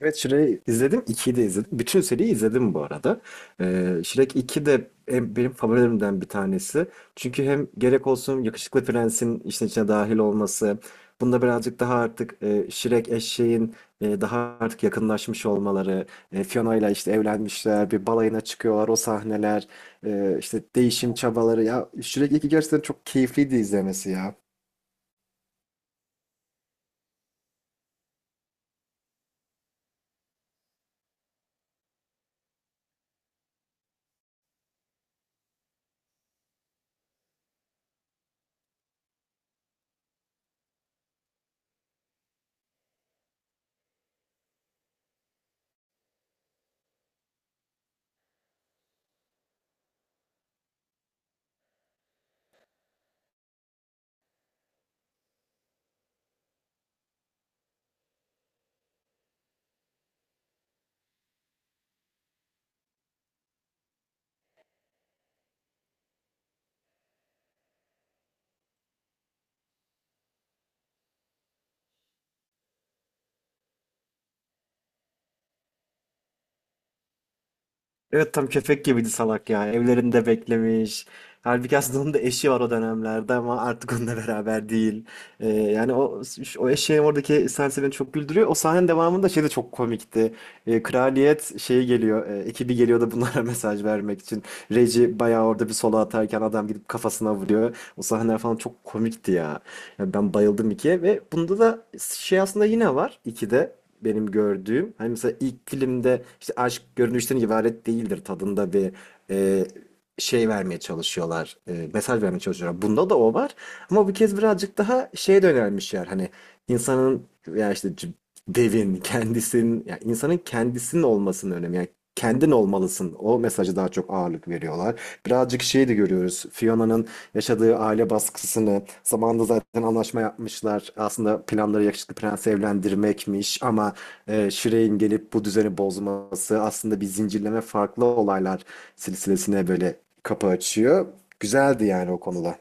Evet Shrek'i izledim. 2'yi de izledim. Bütün seriyi izledim bu arada. Shrek 2 de benim favorilerimden bir tanesi. Çünkü hem gerek olsun yakışıklı prensin işin içine dahil olması. Bunda birazcık daha artık Shrek eşeğin daha artık yakınlaşmış olmaları. Fiona ile işte evlenmişler. Bir balayına çıkıyorlar. O sahneler. İşte değişim çabaları. Ya Shrek 2 gerçekten çok keyifliydi izlemesi ya. Evet, tam köpek gibiydi salak ya. Evlerinde beklemiş. Halbuki aslında onun da eşi var o dönemlerde ama artık onunla beraber değil. Yani o eşeğin oradaki sahnesi beni çok güldürüyor. O sahnenin devamında şey de çok komikti. Kraliyet şeyi geliyor. Ekibi geliyor da bunlara mesaj vermek için. Reggie bayağı orada bir solo atarken adam gidip kafasına vuruyor. O sahneler falan çok komikti ya. Ya ben bayıldım ikiye ve bunda da şey aslında yine var ikide benim gördüğüm. Hani mesela ilk filmde işte aşk görünüşten ibaret değildir tadında bir e, şey vermeye çalışıyorlar. Mesaj vermeye çalışıyorlar. Bunda da o var. Ama bu kez birazcık daha şeye yönelmişler. Hani insanın ya işte devin kendisinin ya insanın kendisinin olmasının önemi. Yani kendin olmalısın. O mesajı daha çok ağırlık veriyorlar. Birazcık şeyi de görüyoruz. Fiona'nın yaşadığı aile baskısını, zamanında zaten anlaşma yapmışlar. Aslında planları yakışıklı prensi evlendirmekmiş ama Shireen gelip bu düzeni bozması aslında bir zincirleme farklı olaylar silsilesine böyle kapı açıyor. Güzeldi yani o konuda.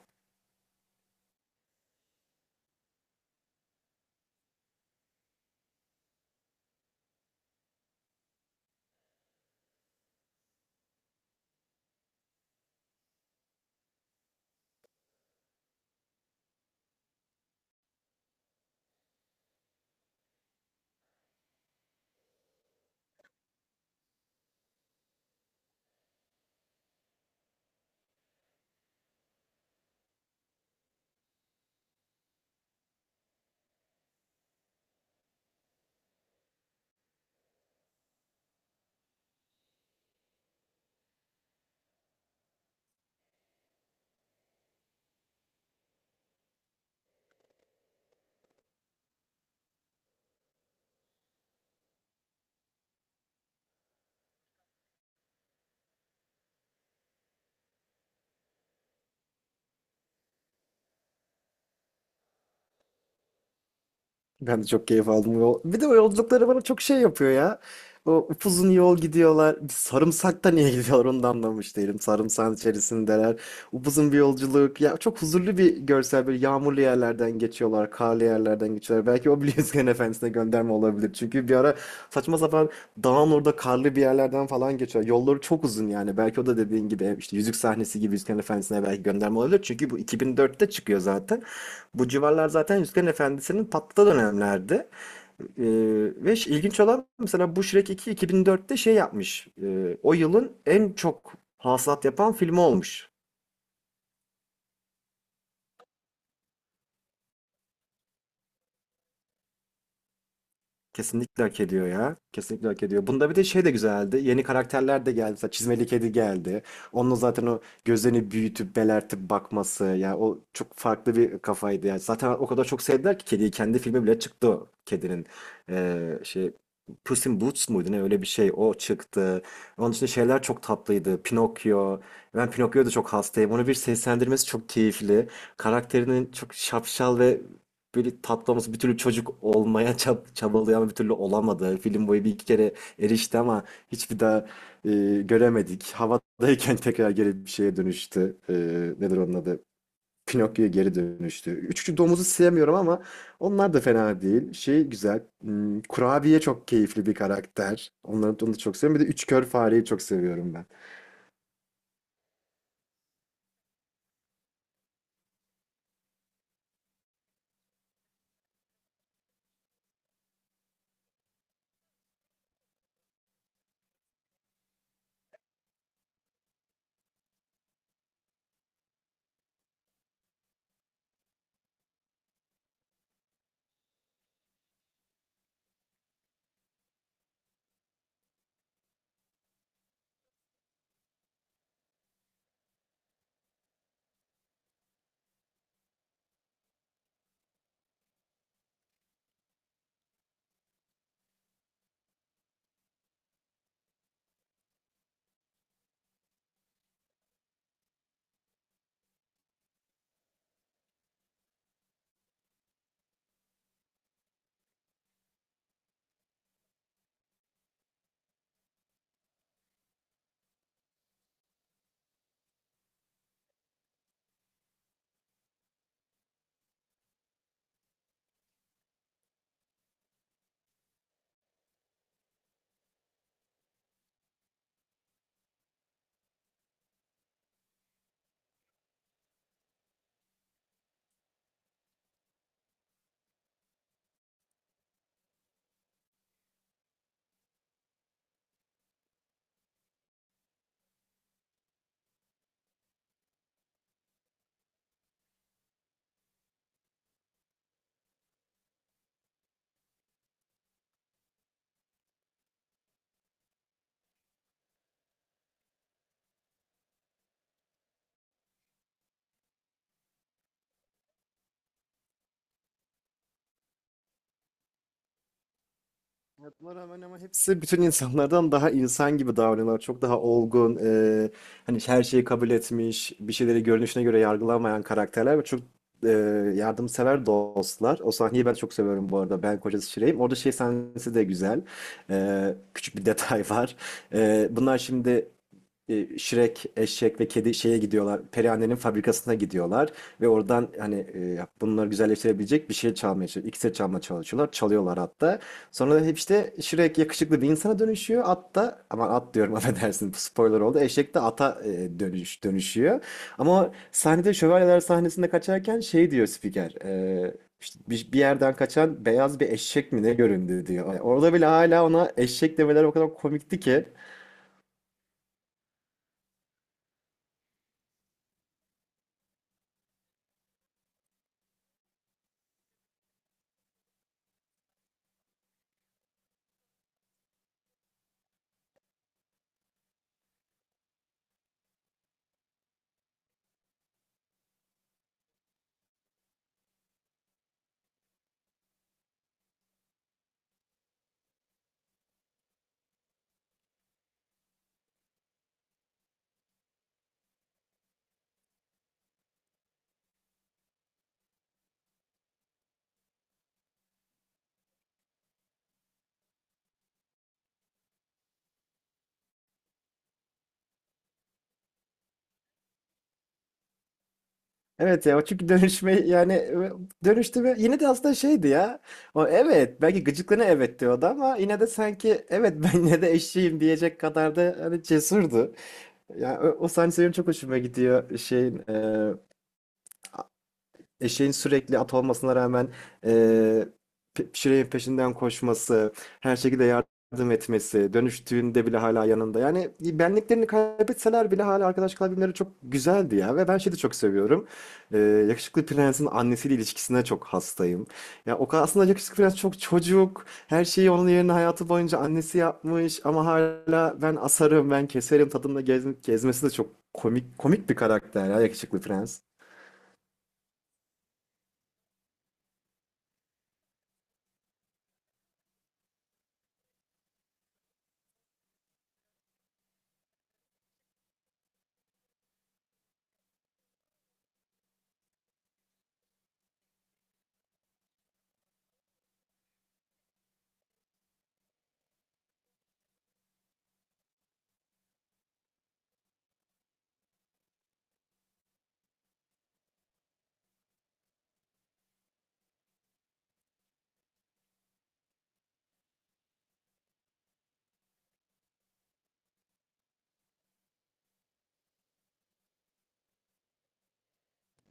Ben de çok keyif aldım yol. Bir de o yolculukları bana çok şey yapıyor ya. O upuzun yol gidiyorlar. Bir Sarımsak da niye gidiyorlar onu da anlamış değilim. Sarımsağın içerisindeler. Upuzun bir yolculuk. Ya çok huzurlu bir görsel. Böyle yağmurlu yerlerden geçiyorlar. Karlı yerlerden geçiyorlar. Belki o bile Yüzgen Efendisi'ne gönderme olabilir. Çünkü bir ara saçma sapan dağın orada karlı bir yerlerden falan geçiyor. Yolları çok uzun yani. Belki o da dediğin gibi işte yüzük sahnesi gibi Yüzgen Efendisi'ne belki gönderme olabilir. Çünkü bu 2004'te çıkıyor zaten. Bu civarlar zaten Yüzüklerin Efendisi'nin patladığı dönemlerdi. Ee, Ve ilginç olan mesela bu Shrek 2 2004'te şey yapmış. O yılın en çok hasılat yapan filmi olmuş. Kesinlikle hak ediyor ya. Kesinlikle hak ediyor. Bunda bir de şey de güzeldi. Yeni karakterler de geldi. Mesela çizmeli kedi geldi. Onun zaten o gözlerini büyütüp belertip bakması. Ya o çok farklı bir kafaydı. Yani zaten o kadar çok sevdiler ki kediyi. Kendi filmi bile çıktı o kedinin. Şey Puss in Boots muydu ne öyle bir şey. O çıktı. Onun için şeyler çok tatlıydı. Pinokyo. Ben Pinokyo'ya da çok hastayım. Onu bir seslendirmesi çok keyifli. Karakterinin çok şapşal ve böyle tatlımız bir türlü çocuk olmaya çabalıyor ama bir türlü olamadı. Film boyu bir iki kere erişti ama hiçbir daha göremedik. Havadayken tekrar geri bir şeye dönüştü. Nedir onun adı? Pinokyo'ya geri dönüştü. Üçüncü domuzu sevmiyorum ama onlar da fena değil. Şey güzel. Kurabiye çok keyifli bir karakter. Onu da çok seviyorum. Bir de üç kör fareyi çok seviyorum ben. Ya buna rağmen ama hepsi bütün insanlardan daha insan gibi davranıyorlar. Çok daha olgun, e, hani her şeyi kabul etmiş, bir şeyleri görünüşüne göre yargılanmayan karakterler ve çok e, yardımsever dostlar. O sahneyi ben çok seviyorum bu arada. Ben kocası Şireyim. Orada şey sahnesi de güzel. E, küçük bir detay var. Bunlar şimdi Shrek, eşek ve kedi şeye gidiyorlar. Perihanne'nin fabrikasına gidiyorlar ve oradan hani bunları güzelleştirebilecek bir şey çalmaya çalışıyorlar. İksir çalmaya çalışıyorlar. Çalıyorlar hatta. Sonra da hep işte Shrek yakışıklı bir insana dönüşüyor. At da aman at diyorum affedersin bu spoiler oldu. Eşek de ata dönüşüyor. Ama sahnede şövalyeler sahnesinde kaçarken şey diyor spiker. İşte bir yerden kaçan beyaz bir eşek mi ne göründü diyor. Yani orada bile hala ona eşek demeleri o kadar komikti ki. Evet ya o çünkü dönüşme yani dönüştü ve yine de aslında şeydi ya. O evet belki gıcıklığına evet diyordu ama yine de sanki evet ben yine de eşeğim diyecek kadar da hani cesurdu. Ya o sahne benim çok hoşuma gidiyor şeyin eşeğin sürekli at olmasına rağmen eee Şirey'in peşinden koşması, her şekilde yardım etmesi, dönüştüğünde bile hala yanında. Yani benliklerini kaybetseler bile hala arkadaş kalabilmeleri çok güzeldi ya. Ve ben şeyi de çok seviyorum. Yakışıklı Prens'in annesiyle ilişkisine çok hastayım. Ya o kadar aslında Yakışıklı Prens çok çocuk. Her şeyi onun yerine hayatı boyunca annesi yapmış ama hala ben asarım, ben keserim tadında gezmesi de çok komik komik bir karakter ya Yakışıklı Prens.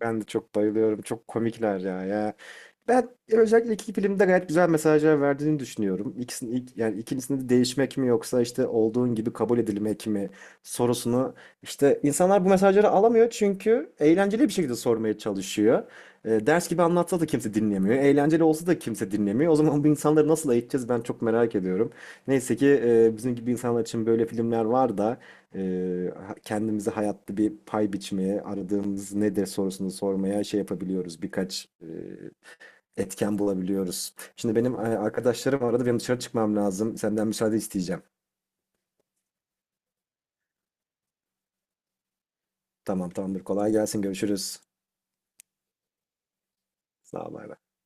Ben de çok bayılıyorum. Çok komikler ya. Ya ben özellikle iki filmde gayet güzel mesajlar verdiğini düşünüyorum. İkisinin ilk, yani ikincisinde de değişmek mi yoksa işte olduğun gibi kabul edilmek mi sorusunu işte insanlar bu mesajları alamıyor çünkü eğlenceli bir şekilde sormaya çalışıyor. Ders gibi anlatsa da kimse dinlemiyor. Eğlenceli olsa da kimse dinlemiyor. O zaman bu insanları nasıl eğiteceğiz ben çok merak ediyorum. Neyse ki bizim gibi insanlar için böyle filmler var da kendimize hayatta bir pay biçmeye, aradığımız nedir sorusunu sormaya şey yapabiliyoruz. Birkaç etken bulabiliyoruz. Şimdi benim arkadaşlarım aradı, benim dışarı çıkmam lazım. Senden müsaade isteyeceğim. Tamam, tamamdır. Kolay gelsin. Görüşürüz. Sağ ol, bay bay.